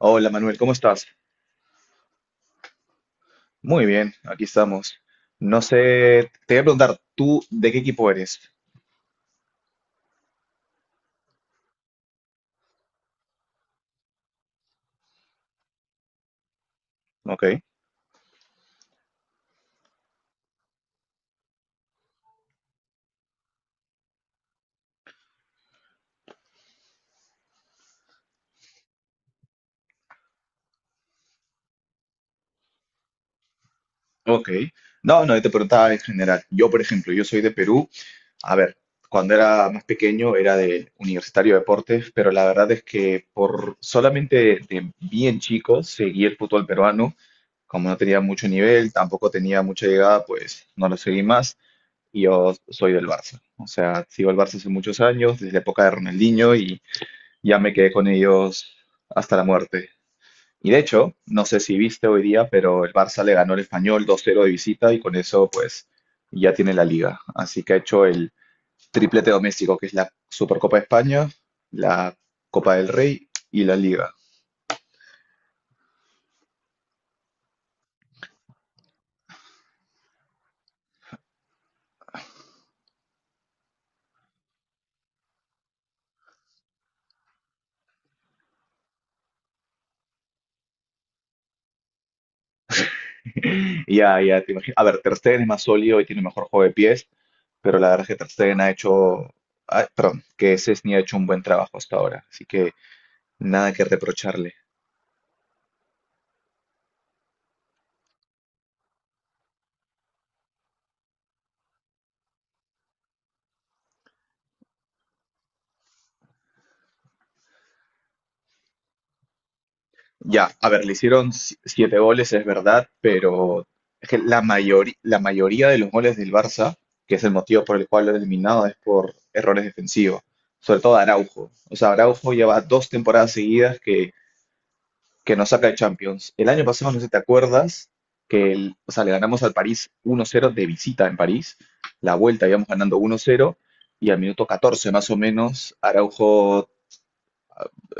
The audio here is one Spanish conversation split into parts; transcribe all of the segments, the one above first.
Hola Manuel, ¿cómo estás? Muy bien, aquí estamos. No sé, te voy a preguntar, ¿tú de qué equipo eres? Ok, ok. No, no, yo te preguntaba en general. Yo, por ejemplo, yo soy de Perú. A ver, cuando era más pequeño era de Universitario de Deportes, pero la verdad es que por solamente de bien chico seguí el fútbol peruano. Como no tenía mucho nivel, tampoco tenía mucha llegada, pues no lo seguí más. Y yo soy del Barça. O sea, sigo el Barça hace muchos años, desde la época de Ronaldinho ya me quedé con ellos hasta la muerte. Y de hecho, no sé si viste hoy día, pero el Barça le ganó al Español 2-0 de visita y con eso pues ya tiene la liga. Así que ha hecho el triplete doméstico, que es la Supercopa de España, la Copa del Rey y la liga. Ya, ya, te imagino. A ver, Ter Stegen es más sólido y tiene mejor juego de pies, pero la verdad es que Ter Stegen ha hecho, ah, perdón, que Szczęsny ha hecho un buen trabajo hasta ahora. Así que nada que reprocharle. Ya, a ver, le hicieron siete goles, es verdad, pero es que la mayoría de los goles del Barça, que es el motivo por el cual lo han eliminado, es por errores defensivos, sobre todo Araujo. O sea, Araujo lleva dos temporadas seguidas que nos saca de Champions. El año pasado, no sé si te acuerdas, o sea, le ganamos al París 1-0 de visita en París, la vuelta íbamos ganando 1-0, y al minuto 14 más o menos, Araujo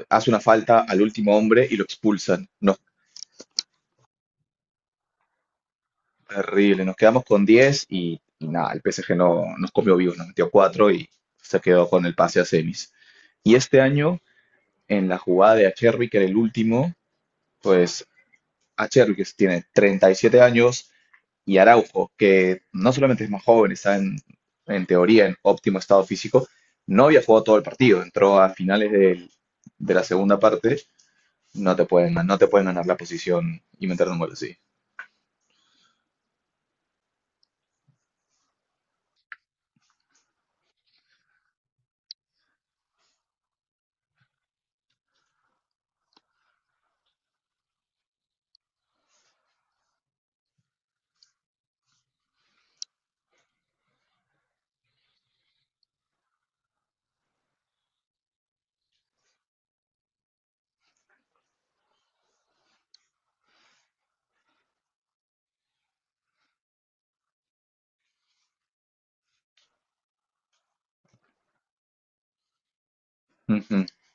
hace una falta al último hombre y lo expulsan. Nos Terrible, nos quedamos con 10 y nada, el PSG no nos comió vivos, nos metió 4 y se quedó con el pase a semis. Y este año, en la jugada de Acherbi, que era el último, pues Acherbi, que tiene 37 años, y Araujo, que no solamente es más joven, está en teoría en óptimo estado físico, no había jugado todo el partido, entró a finales de la segunda parte, no te pueden ganar la posición y meter un gol así.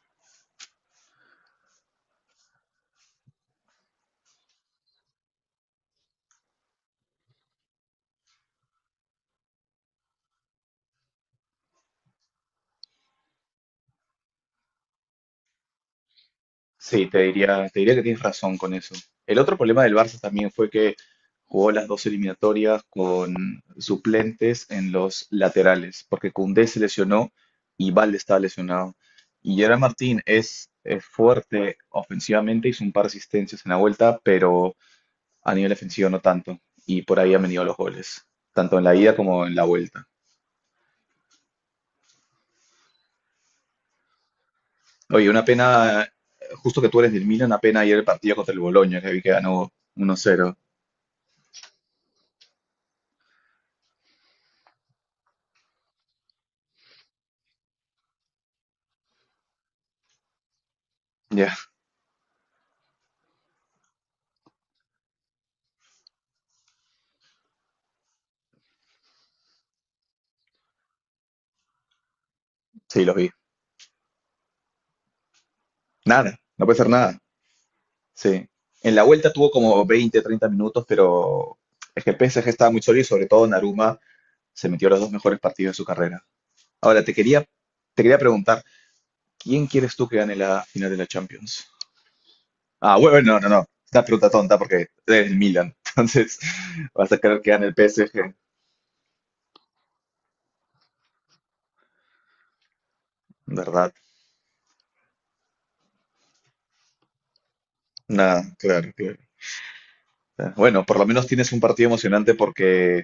Sí, te diría que tienes razón con eso. El otro problema del Barça también fue que jugó las dos eliminatorias con suplentes en los laterales, porque Koundé se lesionó y Valde estaba lesionado. Y Gerard Martín es fuerte ofensivamente, hizo un par de asistencias en la vuelta, pero a nivel ofensivo no tanto. Y por ahí han venido los goles, tanto en la ida como en la vuelta. Oye, una pena, justo que tú eres del Milan, una pena ayer el partido contra el Boloña, que vi que ganó 1-0. Ya, sí, los vi. Nada, no puede ser nada. Sí. En la vuelta tuvo como 20, 30 minutos, pero es que el PSG estaba muy sólido y sobre todo Naruma se metió a los dos mejores partidos de su carrera. Ahora, te quería preguntar, ¿quién quieres tú que gane la final de la Champions? Ah, bueno, no, no, no. Una pregunta tonta porque eres el Milan. Entonces, vas a querer que gane el PSG, ¿verdad? Nada, claro, claro. Bueno, por lo menos tienes un partido emocionante porque,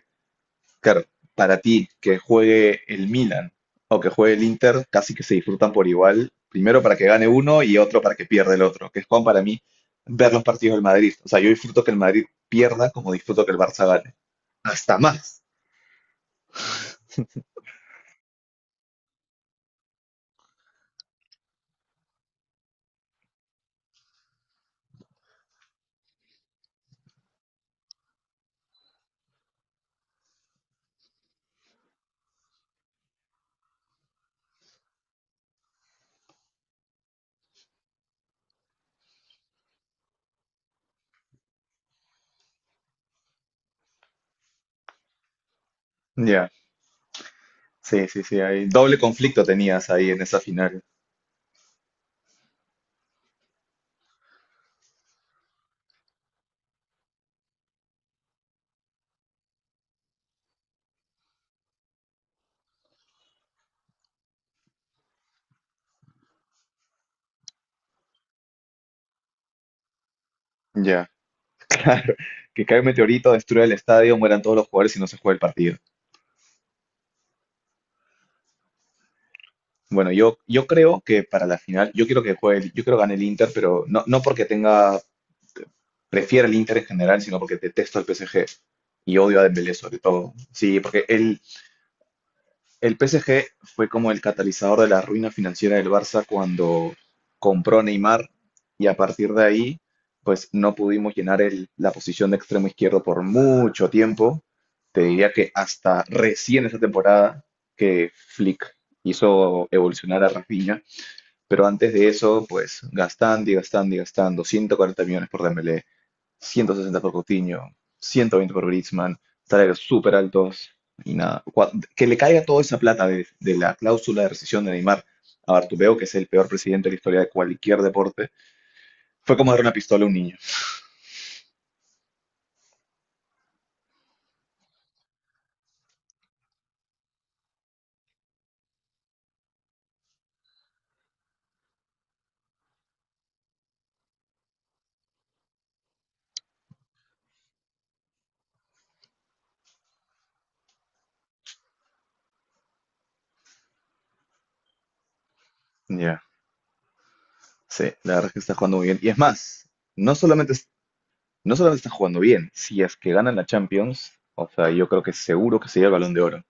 claro, para ti que juegue el Milan o que juegue el Inter, casi que se disfrutan por igual. Primero para que gane uno y otro para que pierda el otro, que es como para mí ver los partidos del Madrid. O sea, yo disfruto que el Madrid pierda como disfruto que el Barça gane. Hasta más. Ya, sí, sí, sí, hay doble conflicto tenías ahí en esa final. Ya, claro, que cae un meteorito, destruya el estadio, mueran todos los jugadores y no se juega el partido. Bueno, yo creo que para la final, yo quiero que juegue, yo quiero que gane el Inter, pero no, no porque tenga, prefiera el Inter en general, sino porque detesto al PSG y odio a Dembélé sobre todo. Sí, porque el PSG fue como el catalizador de la ruina financiera del Barça cuando compró a Neymar y a partir de ahí, pues no pudimos llenar la posición de extremo izquierdo por mucho tiempo. Te diría que hasta recién esta temporada que Flick hizo evolucionar a Rafinha, pero antes de eso, pues gastando y gastando y gastando, 140 millones por Dembélé, 160 por Coutinho, 120 por Griezmann, salarios súper altos y nada. Que le caiga toda esa plata de la cláusula de rescisión de Neymar a Bartomeu, que es el peor presidente de la historia de cualquier deporte, fue como dar una pistola a un niño. Ya, sí, la verdad es que está jugando muy bien. Y es más, no solamente, es- no solamente está jugando bien, si es que ganan la Champions, o sea, yo creo que seguro que se lleva el Balón de Oro.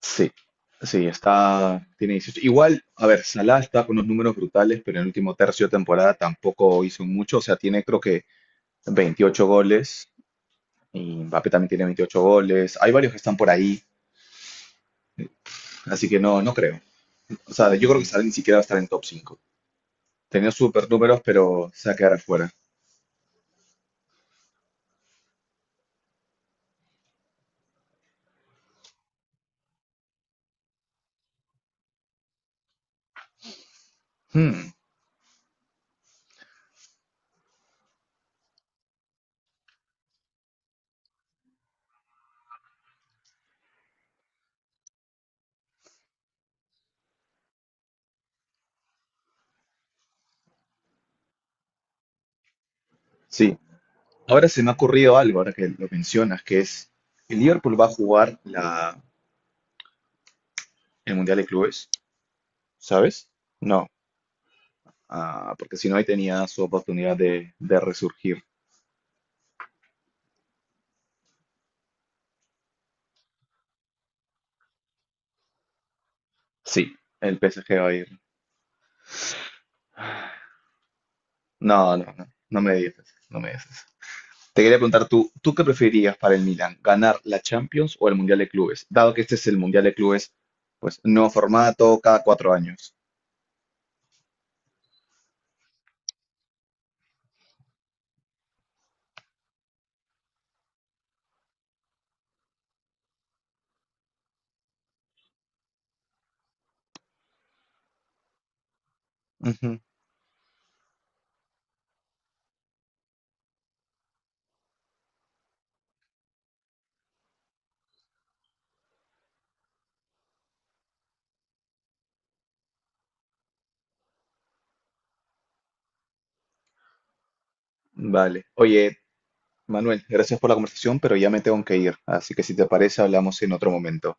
Sí, sí, tiene 18. Igual, a ver, Salah está con unos números brutales, pero en el último tercio de temporada tampoco hizo mucho. O sea, tiene creo que 28 goles y Mbappé también tiene 28 goles. Hay varios que están por ahí, así que no, no creo. O sea, yo creo que Salah ni siquiera va a estar en top 5. Tenía super números, pero se va a quedar afuera. Hmm, sí. Ahora se me ha ocurrido algo, ahora que lo mencionas, que es, el Liverpool va a jugar el Mundial de Clubes, ¿sabes? No. Ah, porque si no, ahí tenía su oportunidad de resurgir. Sí, el PSG va a ir. No, no, no, no me digas eso, no me digas eso. Te quería preguntar tú, ¿tú qué preferirías para el Milan? ¿Ganar la Champions o el Mundial de Clubes? Dado que este es el Mundial de Clubes, pues nuevo formato cada 4 años. Ujú, vale. Oye, Manuel, gracias por la conversación, pero ya me tengo que ir. Así que si te parece, hablamos en otro momento.